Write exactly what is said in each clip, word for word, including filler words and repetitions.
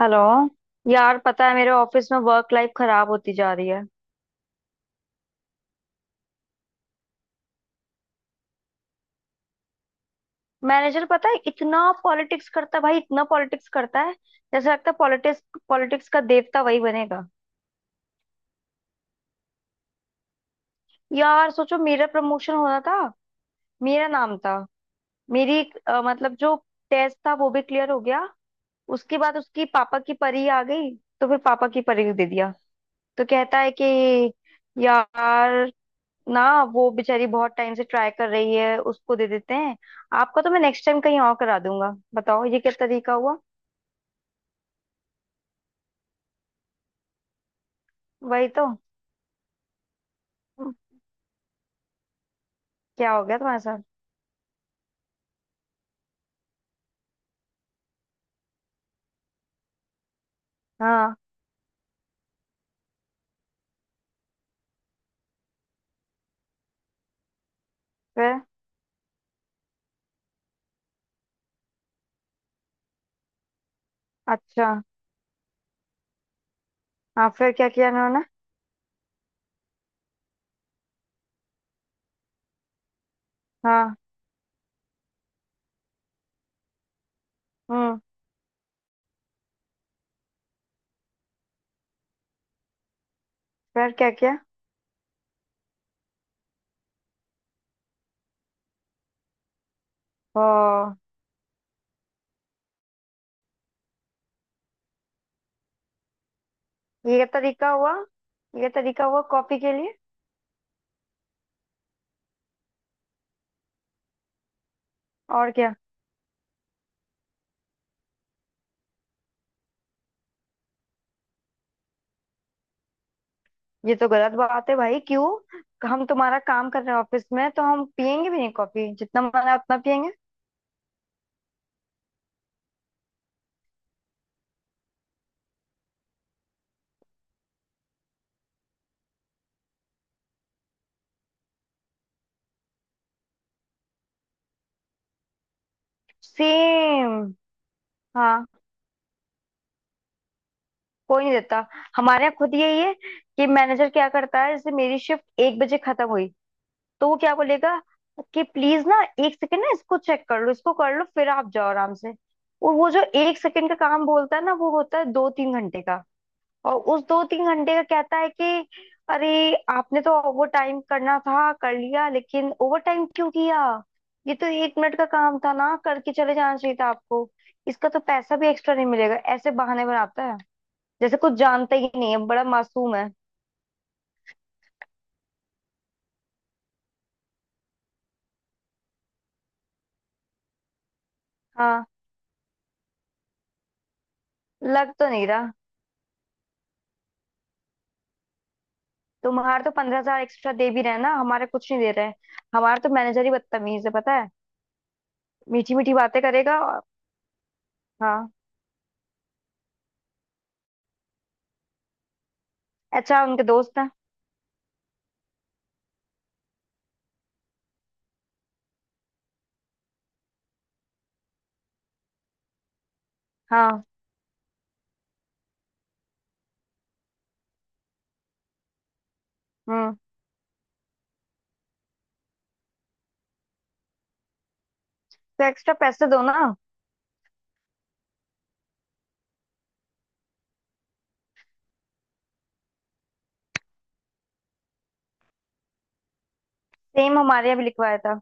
Hello. यार, पता है मेरे ऑफिस में वर्क लाइफ खराब होती जा रही है। मैनेजर, पता है, इतना पॉलिटिक्स करता है भाई, इतना पॉलिटिक्स करता है। जैसे लगता है पॉलिटिक्स पॉलिटिक्स का देवता वही बनेगा। यार सोचो, मेरा प्रमोशन होना था। मेरा नाम था, मेरी अ, मतलब जो टेस्ट था वो भी क्लियर हो गया। उसके बाद उसकी पापा की परी आ गई, तो फिर पापा की परी को दे दिया। तो कहता है कि यार ना, वो बेचारी बहुत टाइम से ट्राई कर रही है, उसको दे देते हैं। आपका तो मैं नेक्स्ट टाइम कहीं और करा दूंगा। बताओ ये क्या तरीका हुआ। वही तो। हम्म, क्या हो गया तुम्हारे साथ। हाँ फिर। अच्छा। हाँ फिर क्या किया इन्होंने। हाँ। हम्म। फिर क्या किया। ओ, ये क्या तरीका हुआ। ये क्या तरीका हुआ कॉपी के लिए। और क्या। ये तो गलत बात है भाई। क्यों? हम तुम्हारा काम कर रहे हैं ऑफिस में, तो हम पियेंगे भी नहीं कॉफी? जितना मन है उतना पियेंगे। सेम। हाँ। कोई नहीं देता। हमारे यहाँ खुद यही है कि मैनेजर क्या करता है, जैसे मेरी शिफ्ट एक बजे खत्म हुई, तो वो क्या बोलेगा कि प्लीज ना, एक सेकंड ना इसको चेक कर लो, इसको कर लो, फिर आप जाओ आराम से। और वो जो एक सेकंड का काम बोलता है ना, वो होता है दो तीन घंटे का। और उस दो तीन घंटे का कहता है कि अरे, आपने तो ओवर टाइम करना था, कर लिया, लेकिन ओवर टाइम क्यों किया? ये तो एक मिनट का काम था ना, करके चले जाना चाहिए था आपको। इसका तो पैसा भी एक्स्ट्रा नहीं मिलेगा। ऐसे बहाने बनाता है जैसे कुछ जानता ही नहीं है, बड़ा मासूम है। हाँ, लग तो नहीं रहा। तुम्हारे तो पंद्रह हजार एक्स्ट्रा दे भी रहे हैं ना, हमारे कुछ नहीं दे रहे हैं। हमारे तो मैनेजर ही बदतमीज है, पता है? मीठी मीठी बातें करेगा और-। हाँ। अच्छा, उनके दोस्त हैं। हाँ। हम्म। तो एक्स्ट्रा पैसे दो ना। सेम, हमारे यहाँ भी लिखवाया था।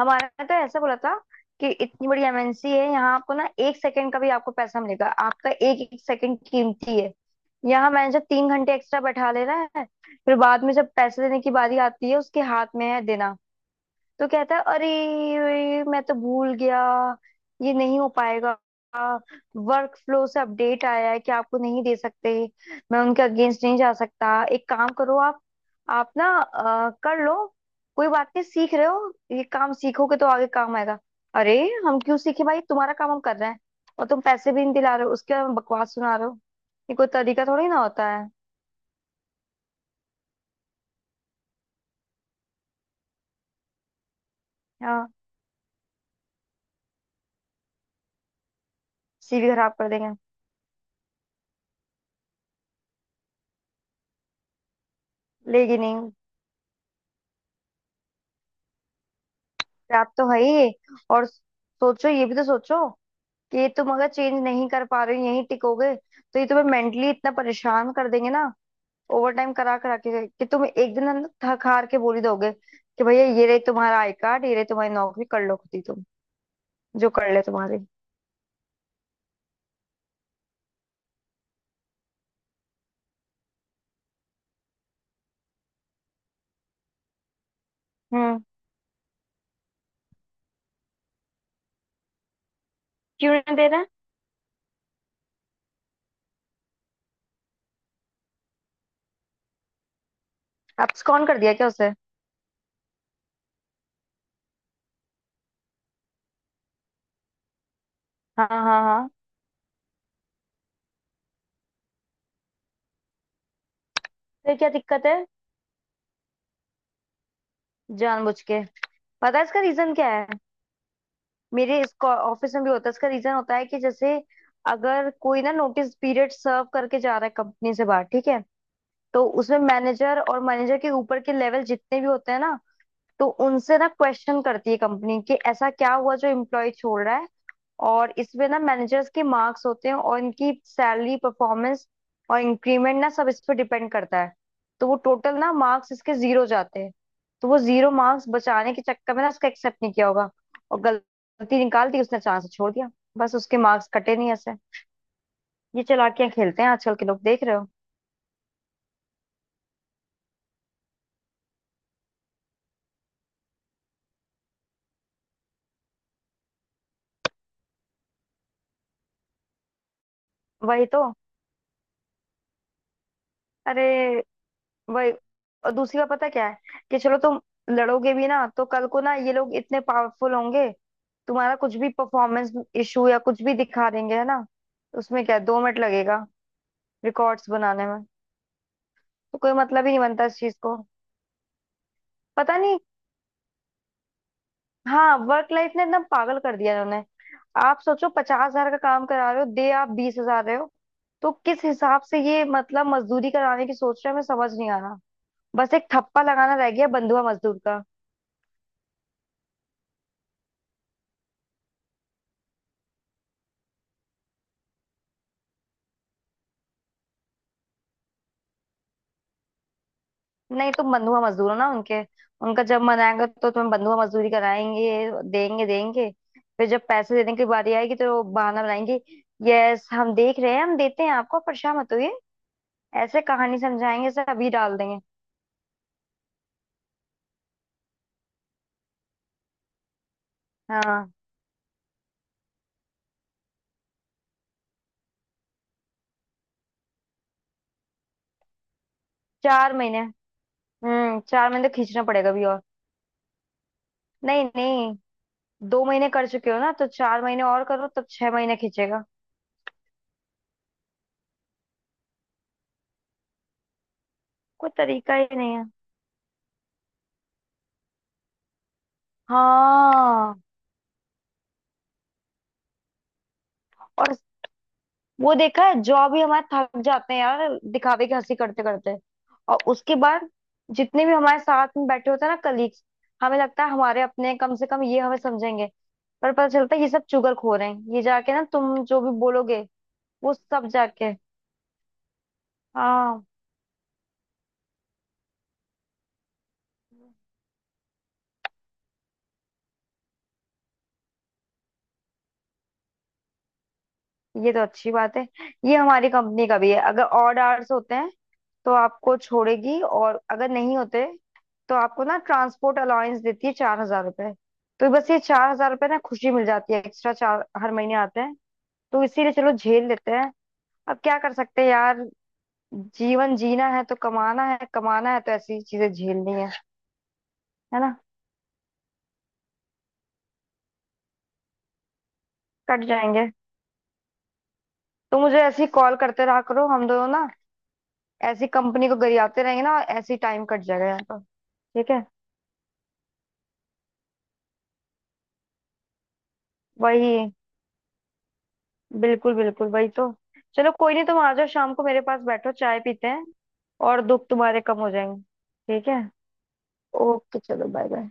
हमारा तो ऐसा बोला था कि इतनी बड़ी एम एन सी है, यहाँ आपको ना एक सेकंड का भी आपको पैसा मिलेगा, आपका एक एक सेकंड कीमती है। यहाँ मैनेजर तीन घंटे एक्स्ट्रा बैठा ले रहा है। फिर बाद में जब पैसे देने की बारी आती है, उसके हाथ में है देना, तो कहता है अरे मैं तो भूल गया, ये नहीं हो पाएगा, वर्क फ्लो से अपडेट आया है कि आपको नहीं दे सकते, मैं उनके अगेंस्ट नहीं जा सकता। एक काम करो आप आप ना अ, कर लो, कोई बात नहीं, सीख रहे हो, ये काम सीखोगे तो आगे काम आएगा। अरे, हम क्यों सीखे भाई, तुम्हारा काम हम कर रहे हैं। और तुम पैसे भी नहीं दिला रहे हो, उसके बाद बकवास सुना रहे हो। ये कोई तरीका थोड़ी ना होता है। हाँ, सी वी खराब कर देंगे। लेगी नहीं। आप तो है ही। और सोचो, ये भी तो सोचो कि ये तुम अगर चेंज नहीं कर पा रहे हो, यहीं टिकोगे, तो ये तुम्हें मेंटली इतना परेशान कर देंगे ना, ओवर टाइम करा करा के, कि तुम एक दिन अंदर थक हार के बोल ही दोगे कि भैया, ये रही तुम्हारा आई कार्ड, ये रही तुम्हारी नौकरी, कर लो खुद ही तुम जो कर ले तुम्हारी। हम्म। क्यों नहीं दे रहा है? abscond कर दिया क्या उसे? हाँ हाँ हाँ। फिर क्या दिक्कत है? जानबूझ के। पता है इसका रीजन क्या है? मेरे इसको ऑफिस में भी होता है, इसका रीजन होता है कि जैसे अगर कोई ना नोटिस पीरियड सर्व करके जा रहा है कंपनी से बाहर, ठीक है, तो उसमें मैनेजर और मैनेजर के ऊपर के लेवल जितने भी होते हैं ना, तो उनसे ना क्वेश्चन करती है कंपनी कि ऐसा क्या हुआ जो एम्प्लॉय छोड़ रहा है। और इसमें ना मैनेजर्स के मार्क्स होते हैं, और इनकी सैलरी, परफॉर्मेंस और इंक्रीमेंट ना सब इस पर डिपेंड करता है। तो वो टोटल ना मार्क्स इसके जीरो जाते हैं। तो वो जीरो मार्क्स बचाने के चक्कर में ना उसका एक्सेप्ट नहीं किया होगा, और गलती निकाल दी, उसने चांस छोड़ दिया। बस, उसके मार्क्स कटे नहीं ऐसे। ये चालाकियां खेलते हैं आजकल के लोग, देख रहे हो? वही तो। अरे, वही। और दूसरी बात पता क्या है, कि चलो तुम लड़ोगे भी ना, तो कल को ना ये लोग इतने पावरफुल होंगे, तुम्हारा कुछ भी परफॉर्मेंस इशू या कुछ भी दिखा देंगे, है ना? उसमें क्या है, दो मिनट लगेगा रिकॉर्ड्स बनाने में। तो कोई मतलब ही नहीं बनता इस चीज को। पता नहीं। हाँ, वर्क लाइफ ने एकदम पागल कर दिया इन्होंने। आप सोचो पचास हजार का काम करा रहे हो, दे आप बीस हजार रहे हो। तो किस हिसाब से ये मतलब मजदूरी कराने की सोच रहे हैं, मैं समझ नहीं आ रहा। बस एक ठप्पा लगाना रह गया, बंधुआ मजदूर। नहीं, तुम बंधुआ मजदूर हो ना उनके, उनका जब मन आएगा तो तुम्हें बंधुआ मजदूरी कराएंगे, देंगे देंगे, फिर जब पैसे देने की बारी आएगी तो वो बहाना बनाएंगे। यस, हम देख रहे हैं, हम देते हैं आपको, परेशान मत होइए। ऐसे कहानी समझाएंगे, सर अभी डाल देंगे। हाँ, चार महीने। हम्म, चार महीने तो खींचना पड़ेगा अभी और। नहीं नहीं, दो महीने कर चुके हो ना, तो चार महीने और करो, तब छह महीने खींचेगा। कोई तरीका ही नहीं है। हाँ। और वो देखा है, जॉब ही हमारे थक जाते हैं यार, दिखावे की हंसी करते करते। और उसके बाद जितने भी हमारे साथ में बैठे होते हैं ना कलीग्स, हमें लगता है हमारे अपने हैं, कम से कम ये हमें समझेंगे, पर पता चलता है ये सब चुगलखोर हैं। ये जाके ना तुम जो भी बोलोगे वो सब जाके। हाँ, ये तो अच्छी बात है। ये हमारी कंपनी का भी है। अगर ऑड आवर्स होते हैं तो आपको छोड़ेगी, और अगर नहीं होते तो आपको ना ट्रांसपोर्ट अलाउंस देती है, चार हजार रुपए। तो बस ये चार हजार रुपये ना खुशी मिल जाती है, एक्स्ट्रा चार हर महीने आते हैं। तो इसीलिए चलो झेल लेते हैं। अब क्या कर सकते हैं यार। जीवन जीना है तो कमाना है, कमाना है तो ऐसी चीजें झेलनी है। है ना? कट जाएंगे। तो मुझे ऐसी कॉल करते रहा करो, हम दोनों ना ऐसी कंपनी को गरियाते रहेंगे ना, ऐसी टाइम कट जाएगा यहाँ पर। ठीक है। वही, बिल्कुल बिल्कुल वही तो। चलो कोई नहीं, तुम आ जाओ शाम को मेरे पास, बैठो चाय पीते हैं, और दुख तुम्हारे कम हो जाएंगे। ठीक है। ओके। चलो बाय बाय।